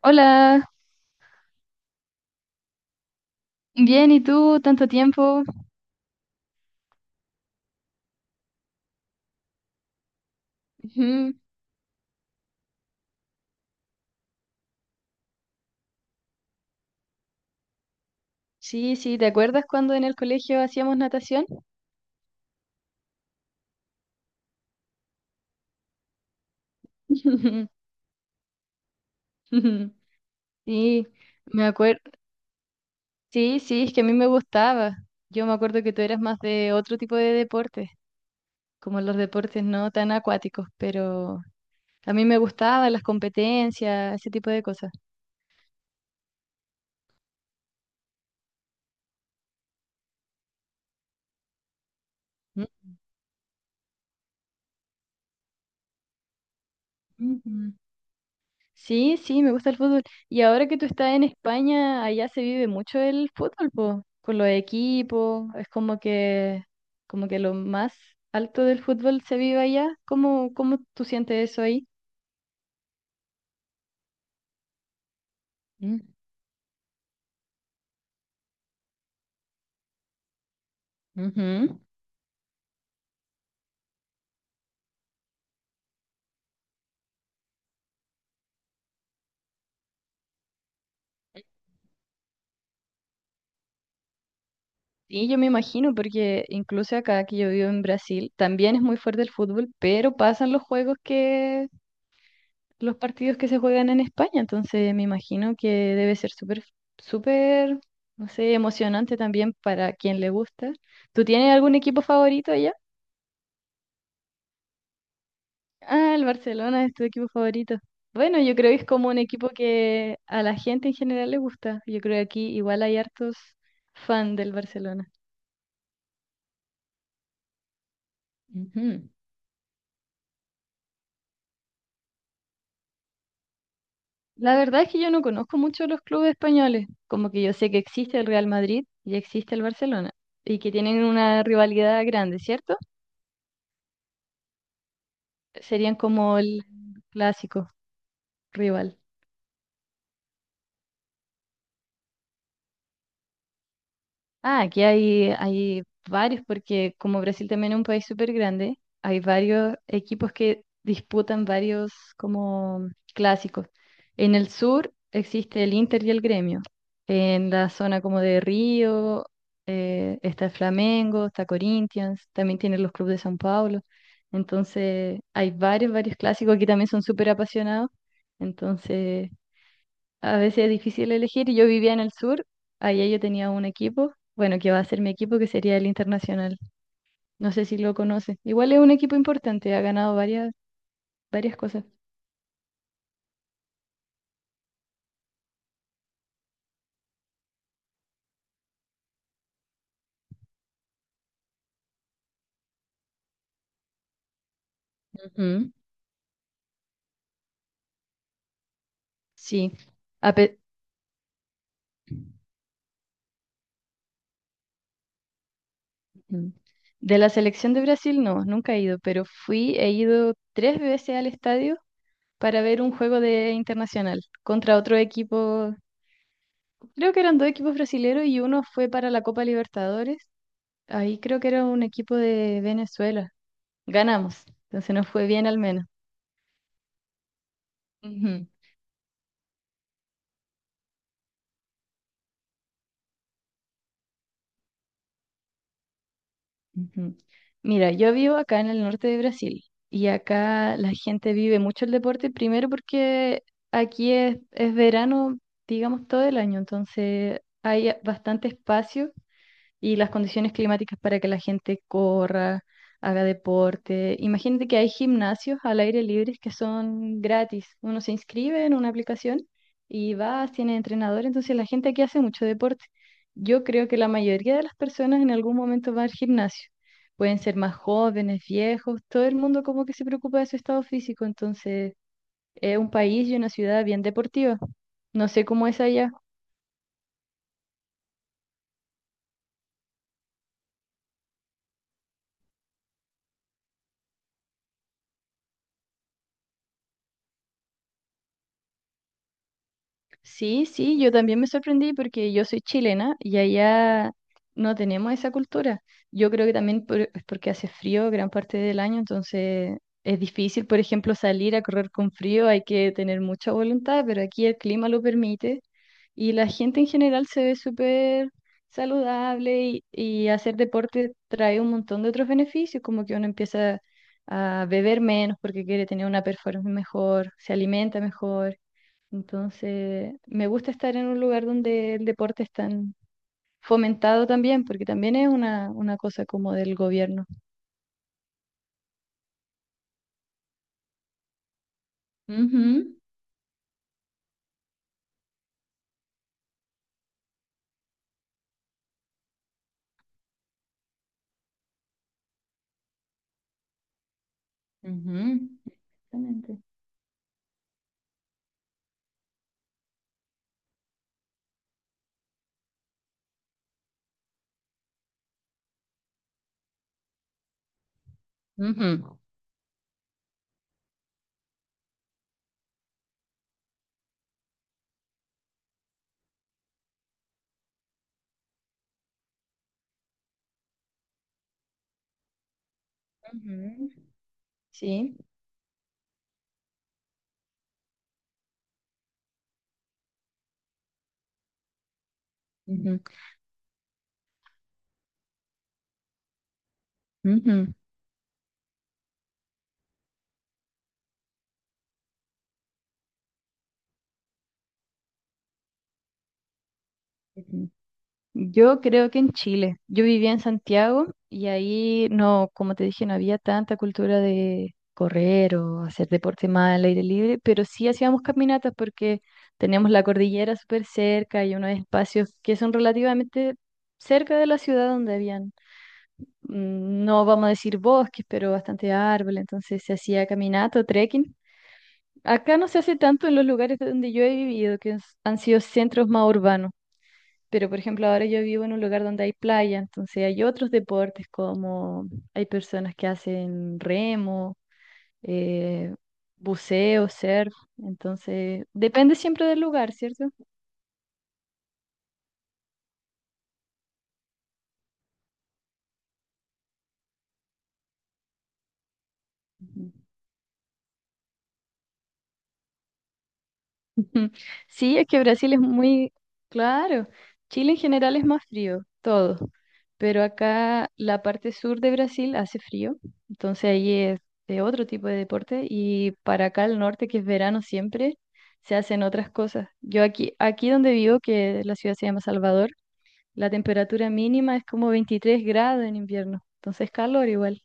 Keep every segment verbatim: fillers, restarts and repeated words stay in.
Hola, bien, ¿y tú? ¿Tanto tiempo? Ujú. Sí, sí, ¿te acuerdas cuando en el colegio hacíamos natación? Sí, me acuerdo. Sí, sí, es que a mí me gustaba. Yo me acuerdo que tú eras más de otro tipo de deportes, como los deportes no tan acuáticos, pero a mí me gustaban las competencias, ese tipo de cosas. Ujú. Sí, sí, me gusta el fútbol. Y ahora que tú estás en España, allá se vive mucho el fútbol, po, con los equipos, es como que, como que lo más alto del fútbol se vive allá. ¿Cómo, cómo tú sientes eso ahí? Mm, ujú. Sí, yo me imagino, porque incluso acá que yo vivo en Brasil, también es muy fuerte el fútbol, pero pasan los juegos que los partidos que se juegan en España, entonces me imagino que debe ser súper, súper, no sé, emocionante también para quien le gusta. ¿Tú tienes algún equipo favorito allá? Ah, el Barcelona es tu equipo favorito. Bueno, yo creo que es como un equipo que a la gente en general le gusta. Yo creo que aquí igual hay hartos fan del Barcelona. Ujú. La verdad es que yo no conozco mucho los clubes españoles, como que yo sé que existe el Real Madrid y existe el Barcelona, y que tienen una rivalidad grande, ¿cierto? Serían como el clásico rival. Ah, aquí hay, hay varios, porque como Brasil también es un país súper grande, hay varios equipos que disputan varios como clásicos. En el sur existe el Inter y el Gremio. En la zona como de Río, eh, está el Flamengo, está Corinthians, también tienen los clubes de São Paulo. Entonces, hay varios, varios clásicos que también son súper apasionados. Entonces, a veces es difícil elegir. y Yo vivía en el sur, allá yo tenía un equipo, bueno, que va a ser mi equipo, que sería el Internacional. No sé si lo conoce. Igual es un equipo importante, ha ganado varias, varias cosas. Ujú. Sí. A pe- Ujú. De la selección de Brasil, no, nunca he ido, pero fui, he ido tres veces al estadio para ver un juego de Internacional contra otro equipo. Creo que eran dos equipos brasileros y uno fue para la Copa Libertadores. Ahí creo que era un equipo de Venezuela. Ganamos, entonces nos fue bien al menos. Ujú, ujú. Mira, yo vivo acá en el norte de Brasil y acá la gente vive mucho el deporte, primero porque aquí es, es verano, digamos, todo el año, entonces hay bastante espacio y las condiciones climáticas para que la gente corra, haga deporte. Imagínate que hay gimnasios al aire libre que son gratis. Uno se inscribe en una aplicación y va, tiene entrenador, entonces la gente aquí hace mucho deporte. Yo creo que la mayoría de las personas en algún momento va al gimnasio. Pueden ser más jóvenes, viejos, todo el mundo como que se preocupa de su estado físico, entonces es un país y una ciudad bien deportiva. No sé cómo es allá. Sí, sí, yo también me sorprendí porque yo soy chilena y allá no tenemos esa cultura. Yo creo que también por- es porque hace frío gran parte del año, entonces es difícil, por ejemplo, salir a correr con frío, hay que tener mucha voluntad, pero aquí el clima lo permite y la gente en general se ve súper saludable y, y hacer deporte trae un montón de otros beneficios, como que uno empieza a beber menos porque quiere tener una performance mejor, se alimenta mejor. Entonces, me gusta estar en un lugar donde el deporte es tan fomentado también, porque también es una, una cosa como del gobierno. Ujú, ujú. Exactamente. Ujú. Ujú. Sí. Ujú, ujú, ujú. Yo creo que en Chile. Yo vivía en Santiago y ahí no, como te dije, no había tanta cultura de correr o hacer deporte más al aire libre, pero sí hacíamos caminatas porque teníamos la cordillera súper cerca y unos espacios que son relativamente cerca de la ciudad donde habían, mm, no vamos a decir bosques, pero bastante árboles, entonces se hacía caminata o trekking. Acá no se hace tanto en los lugares donde yo he vivido, que es- han sido centros más urbanos. Pero, por ejemplo, ahora yo vivo en un lugar donde hay playa, entonces hay otros deportes como hay personas que hacen remo, eh, buceo, surf, entonces depende siempre del lugar, ¿cierto? Ujú. Ujú. Sí, es que Brasil es muy claro. Chile en general es más frío, todo. Pero acá la parte sur de Brasil hace frío, entonces ahí es de otro tipo de deporte y para acá al norte, que es verano siempre, se hacen otras cosas. Yo aquí, aquí donde vivo, que la ciudad se llama Salvador, la temperatura mínima es como veintitrés grados en invierno, entonces calor igual.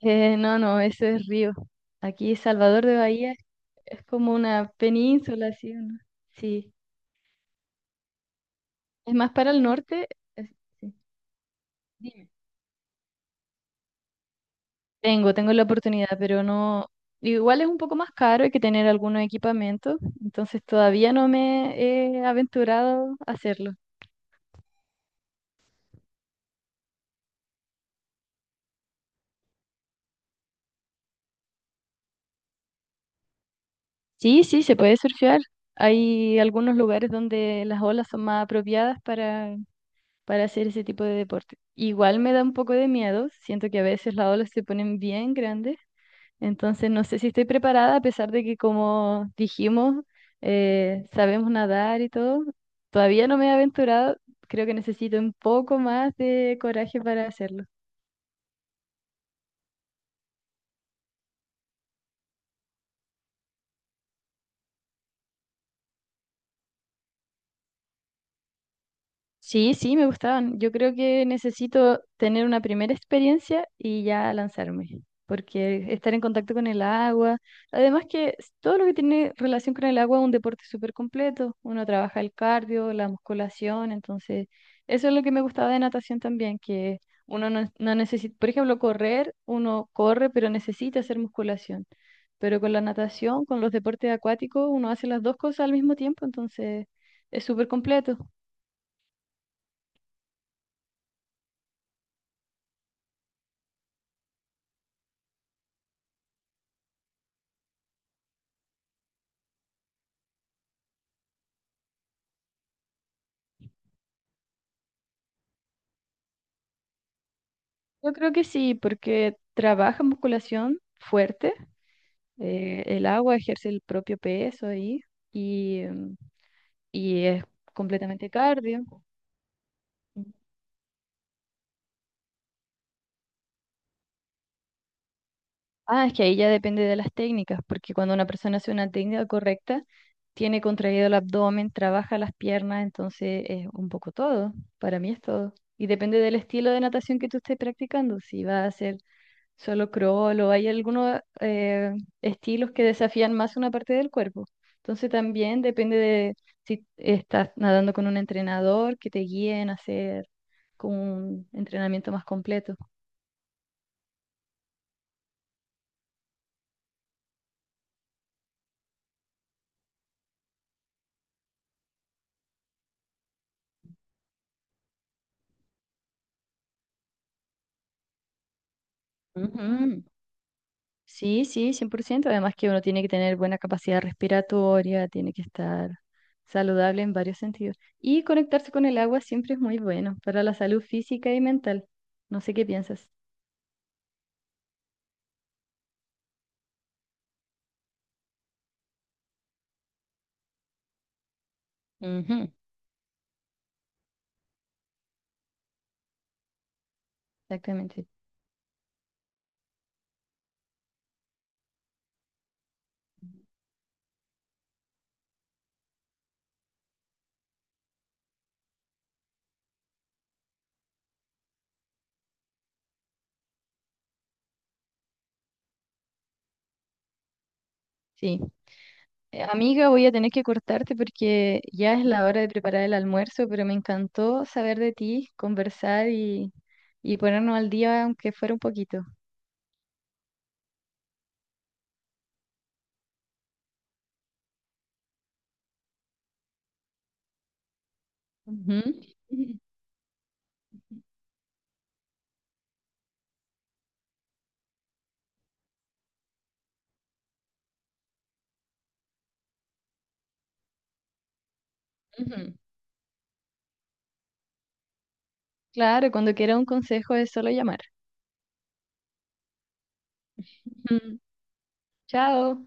Eh, no, no, eso es río. Aquí Salvador de Bahía. Es como una península, así, ¿no? Sí. Es más para el norte. es- sí. Dime. Tengo, tengo la oportunidad, pero no. Igual es un poco más caro, hay que tener algunos equipamientos, entonces todavía no me he aventurado a hacerlo. Sí, sí, se puede surfear. Hay algunos lugares donde las olas son más apropiadas para, para hacer ese tipo de deporte. Igual me da un poco de miedo, siento que a veces las olas se ponen bien grandes. Entonces, no sé si estoy preparada, a pesar de que, como dijimos, eh, sabemos nadar y todo. Todavía no me he aventurado. Creo que necesito un poco más de coraje para hacerlo. Sí, sí, me gustaban. Yo creo que necesito tener una primera experiencia y ya lanzarme, porque estar en contacto con el agua, además que s- todo lo que tiene relación con el agua es un deporte súper completo. Uno trabaja el cardio, la musculación, entonces eso es lo que me gustaba de natación también, que uno no, no necesita, por ejemplo, correr, uno corre, pero necesita hacer musculación. Pero con la natación, con los deportes acuáticos, uno hace las dos cosas al mismo tiempo, entonces es súper completo. Yo creo que sí, porque trabaja musculación fuerte, eh, el agua ejerce el propio peso ahí y, mm, y es completamente cardio. Ah, es que ahí ya depende de las técnicas, porque cuando una persona hace una técnica correcta, tiene contraído el abdomen, trabaja las piernas, entonces es un poco todo, para mí es todo. Y depende del estilo de natación que tú estés practicando, si vas a hacer solo crawl o hay algunos eh, estilos que desafían más una parte del cuerpo. Entonces también depende de si estás nadando con un entrenador que te guíe en hacer como un entrenamiento más completo. Ujú. Sí, sí, cien por ciento. Además que uno tiene que tener buena capacidad respiratoria, tiene que estar saludable en varios sentidos. Y conectarse con el agua siempre es muy bueno para la salud física y mental. No sé qué piensas. Ujú. Exactamente. Sí. Eh, amiga, voy a tener que cortarte porque ya es la hora de preparar el almuerzo, pero me encantó saber de ti, conversar y, y ponernos al día, aunque fuera un poquito. Ujú. Ujú. Claro, cuando quiera un consejo es solo llamar. Ujú. Chao.